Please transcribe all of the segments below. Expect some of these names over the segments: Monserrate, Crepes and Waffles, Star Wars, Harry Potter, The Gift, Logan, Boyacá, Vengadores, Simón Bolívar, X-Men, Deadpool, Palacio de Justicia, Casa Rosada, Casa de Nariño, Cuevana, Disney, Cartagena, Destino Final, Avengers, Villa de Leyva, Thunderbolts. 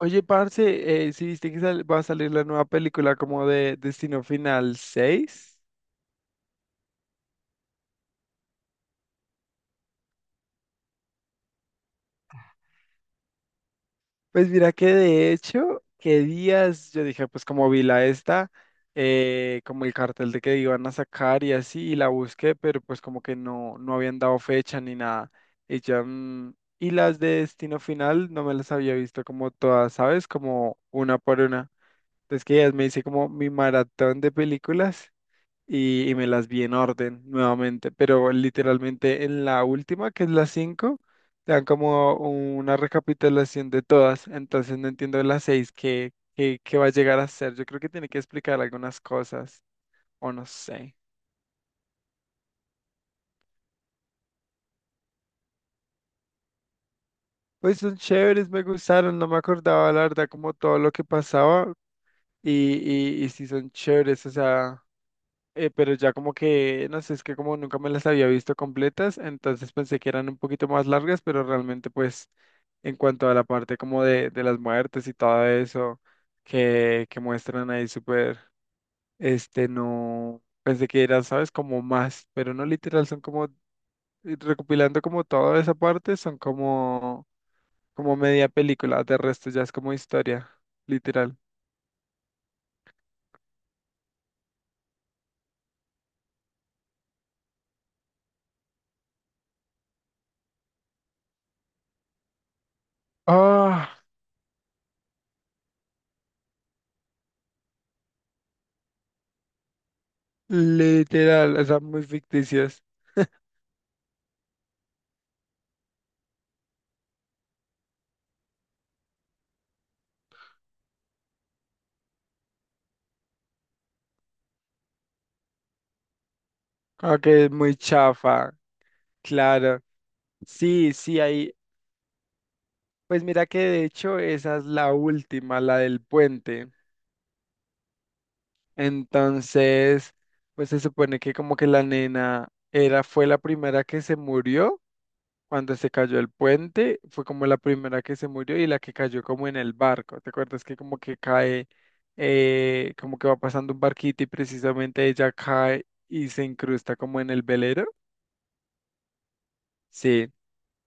Oye, parce, ¿sí viste que va a salir la nueva película como de Destino Final 6? Pues mira que de hecho, qué días yo dije, pues como vi la esta, como el cartel de que iban a sacar y así, y la busqué, pero pues como que no habían dado fecha ni nada. Y ya, y las de Destino Final no me las había visto como todas, ¿sabes? Como una por una. Entonces que ya me hice como mi maratón de películas. Y me las vi en orden nuevamente, pero literalmente en la última, que es la 5 te dan como una recapitulación de todas, entonces no entiendo la 6 qué va a llegar a ser. Yo creo que tiene que explicar algunas cosas, o no sé. Pues son chéveres, me gustaron, no me acordaba la verdad como todo lo que pasaba y, y sí son chéveres, o sea... pero ya como que, no sé, es que como nunca me las había visto completas, entonces pensé que eran un poquito más largas, pero realmente pues en cuanto a la parte como de las muertes y todo eso que muestran ahí súper, no, pensé que era, ¿sabes? Como más, pero no literal, son como, recopilando como toda esa parte, son como, como media película, de resto ya es como historia, literal. Ah, literal, o sea, muy ficticias. Ok, es muy chafa, claro. Sí, sí, ahí. Pues mira que de hecho esa es la última, la del puente. Entonces, pues se supone que como que la nena era, fue la primera que se murió cuando se cayó el puente, fue como la primera que se murió y la que cayó como en el barco. ¿Te acuerdas que como que cae, como que va pasando un barquito y precisamente ella cae y se incrusta como en el velero? Sí.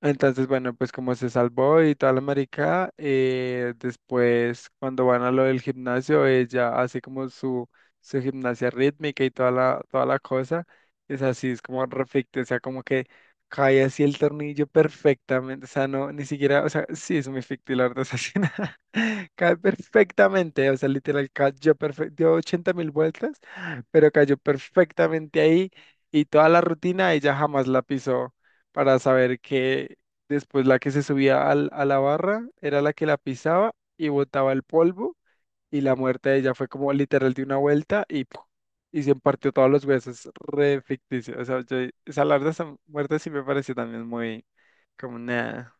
Entonces, bueno, pues como se salvó y toda la marica, después cuando van a lo del gimnasio, ella hace como su gimnasia rítmica y toda la cosa, es así, es como perfecto, o sea, como que cae así el tornillo perfectamente, o sea, no, ni siquiera, o sea, sí, es muy ficticio, la verdad, o sea, sí, nada, cae perfectamente, o sea, literal, cayó perfecto, dio 80 mil vueltas, pero cayó perfectamente ahí y toda la rutina ella jamás la pisó para saber que después la que se subía a la barra era la que la pisaba y botaba el polvo y la muerte de ella fue como literal de una vuelta y ¡puf! Y se partió todos los huesos, re ficticio. O sea, yo, esa la verdad, esa muerte sí me pareció también muy como nada.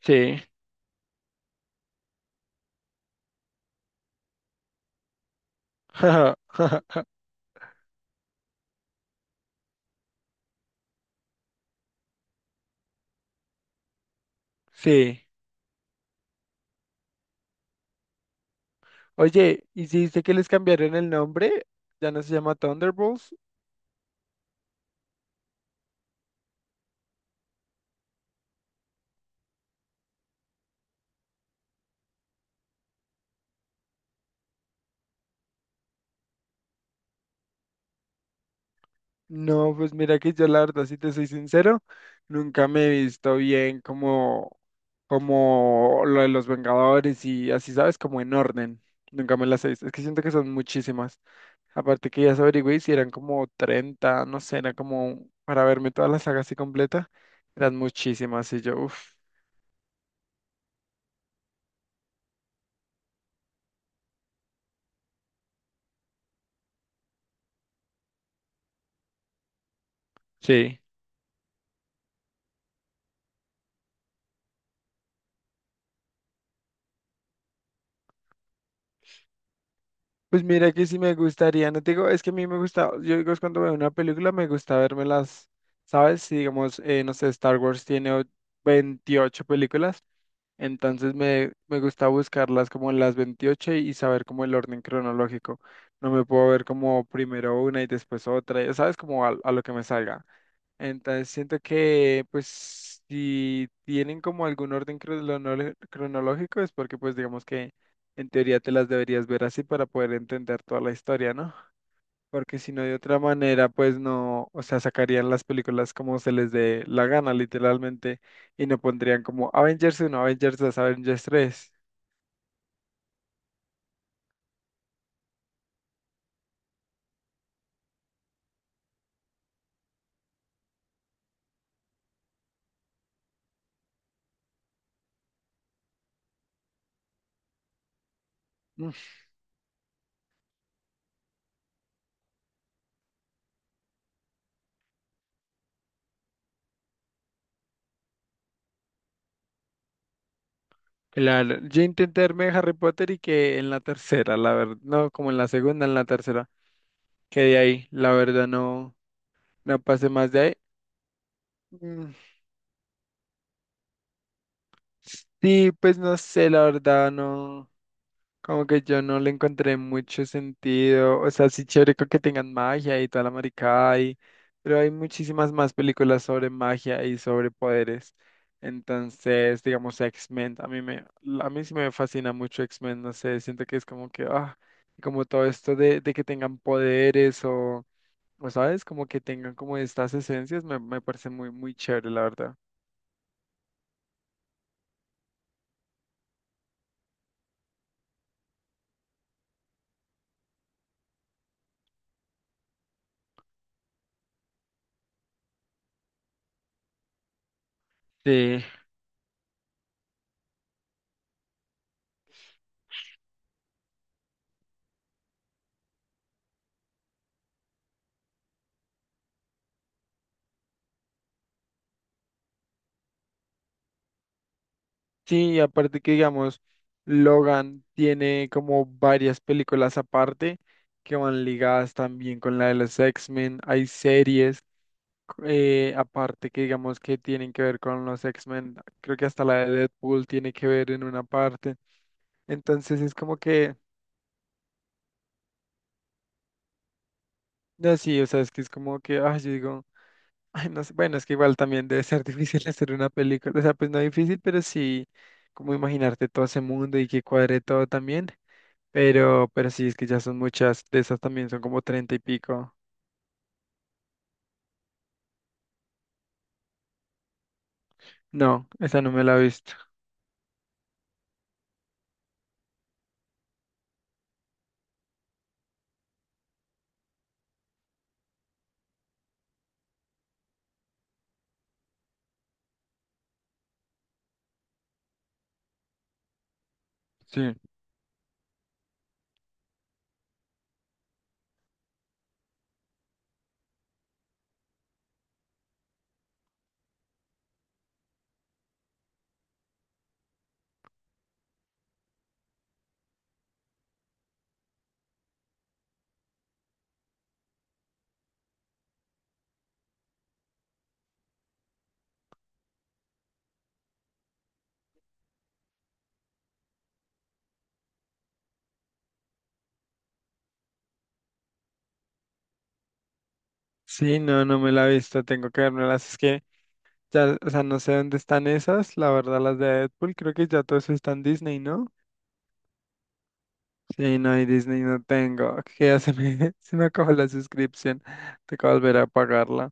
Sí. Sí. Oye, ¿y si dice que les cambiaron el nombre? Ya no se llama Thunderbolts. No, pues mira que yo la verdad, si te soy sincero, nunca me he visto bien como, como lo de los Vengadores y así, ¿sabes? Como en orden. Nunca me las he visto. Es que siento que son muchísimas. Aparte que ya se averigüé y si eran como 30, no sé, era como para verme toda la saga así completa. Eran muchísimas y yo, uff, sí. Pues mira que sí me gustaría, no te digo, es que a mí me gusta, yo digo, es cuando veo una película me gusta vérmelas, ¿sabes? Si digamos, no sé, Star Wars tiene 28 películas, entonces me gusta buscarlas como las 28 y saber como el orden cronológico. No me puedo ver como primero una y después otra, ¿sabes? Como a lo que me salga. Entonces siento que pues si tienen como algún orden cronológico es porque pues digamos que en teoría te las deberías ver así para poder entender toda la historia, ¿no? Porque si no de otra manera pues no, o sea, sacarían las películas como se les dé la gana literalmente y no pondrían como Avengers uno Avengers dos Avengers tres. Mm. Claro, yo intenté verme Harry Potter y que en la tercera, la verdad, no, como en la segunda, en la tercera, quedé ahí, la verdad no. No pasé más de ahí. Mm. Sí, pues no sé, la verdad, no, como que yo no le encontré mucho sentido, o sea, sí chévere con que tengan magia y toda la maricada y, pero hay muchísimas más películas sobre magia y sobre poderes, entonces, digamos, X-Men, a mí sí me fascina mucho X-Men, no sé, siento que es como que, ah, como todo esto de que tengan poderes o, ¿sabes? Como que tengan como estas esencias, me parece muy chévere, la verdad. Sí. Sí, y aparte que digamos, Logan tiene como varias películas aparte que van ligadas también con la de los X-Men. Hay series aparte que digamos que tienen que ver con los X-Men. Creo que hasta la de Deadpool tiene que ver en una parte. Entonces es como que, no, sí, o sea, es que es como que, ay, yo digo, ay, no sé, bueno, es que igual también debe ser difícil hacer una película. O sea, pues no difícil, como imaginarte todo ese mundo y que cuadre todo también. Pero sí, es que ya son muchas. De esas también son como treinta y pico. No, esa no me la he visto. Sí. Sí, no, no me la he visto. Tengo que las. Es que ya, o sea, no sé dónde están esas. La verdad, las de Deadpool, creo que ya todo eso está en Disney, ¿no? Sí, no, y Disney no tengo. Que ya se me, se me acabó la suscripción. Tengo que volver a pagarla.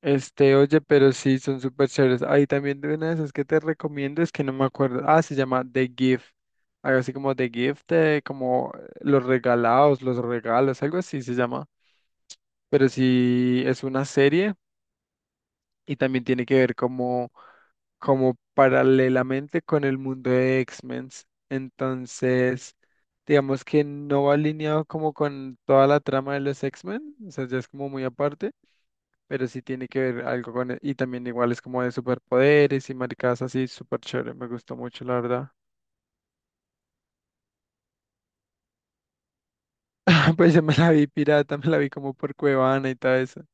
Este, oye, pero sí, son súper chéveres. Ahí también de una de esas que te recomiendo es que no me acuerdo. Ah, se llama The Gift. Algo así como The Gift, como los regalados, los regalos, algo así se llama. Pero sí, es una serie y también tiene que ver como, como paralelamente con el mundo de X-Men. Entonces, digamos que no va alineado como con toda la trama de los X-Men. O sea, ya es como muy aparte pero sí tiene que ver algo con Y también igual es como de superpoderes y maricadas así, súper chévere, me gustó mucho, la verdad. Pues ya me la vi pirata, me la vi como por Cuevana y todo eso.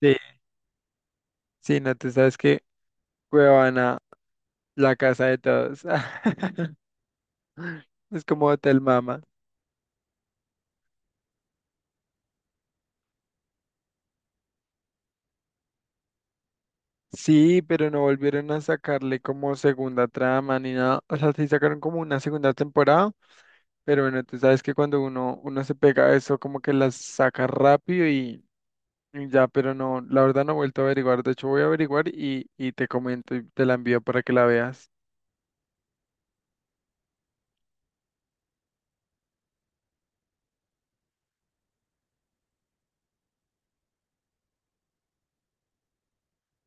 Sí, sí, no, tú sabes que Cuevana, la casa de todos. Es como Hotel Mama. Sí, pero no volvieron a sacarle como segunda trama ni nada. O sea, sí sacaron como una segunda temporada, pero bueno, tú sabes que cuando uno se pega a eso, como que las saca rápido. Ya, pero no, la verdad no he vuelto a averiguar. De hecho, voy a averiguar y te comento y te la envío para que la veas.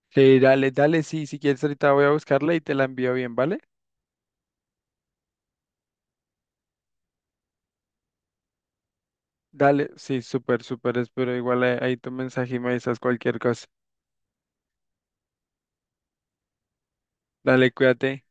Sí, dale, dale, sí, si quieres ahorita voy a buscarla y te la envío bien, ¿vale? Dale, sí, súper, súper, espero igual ahí tu mensaje y me avisas cualquier cosa. Dale, cuídate.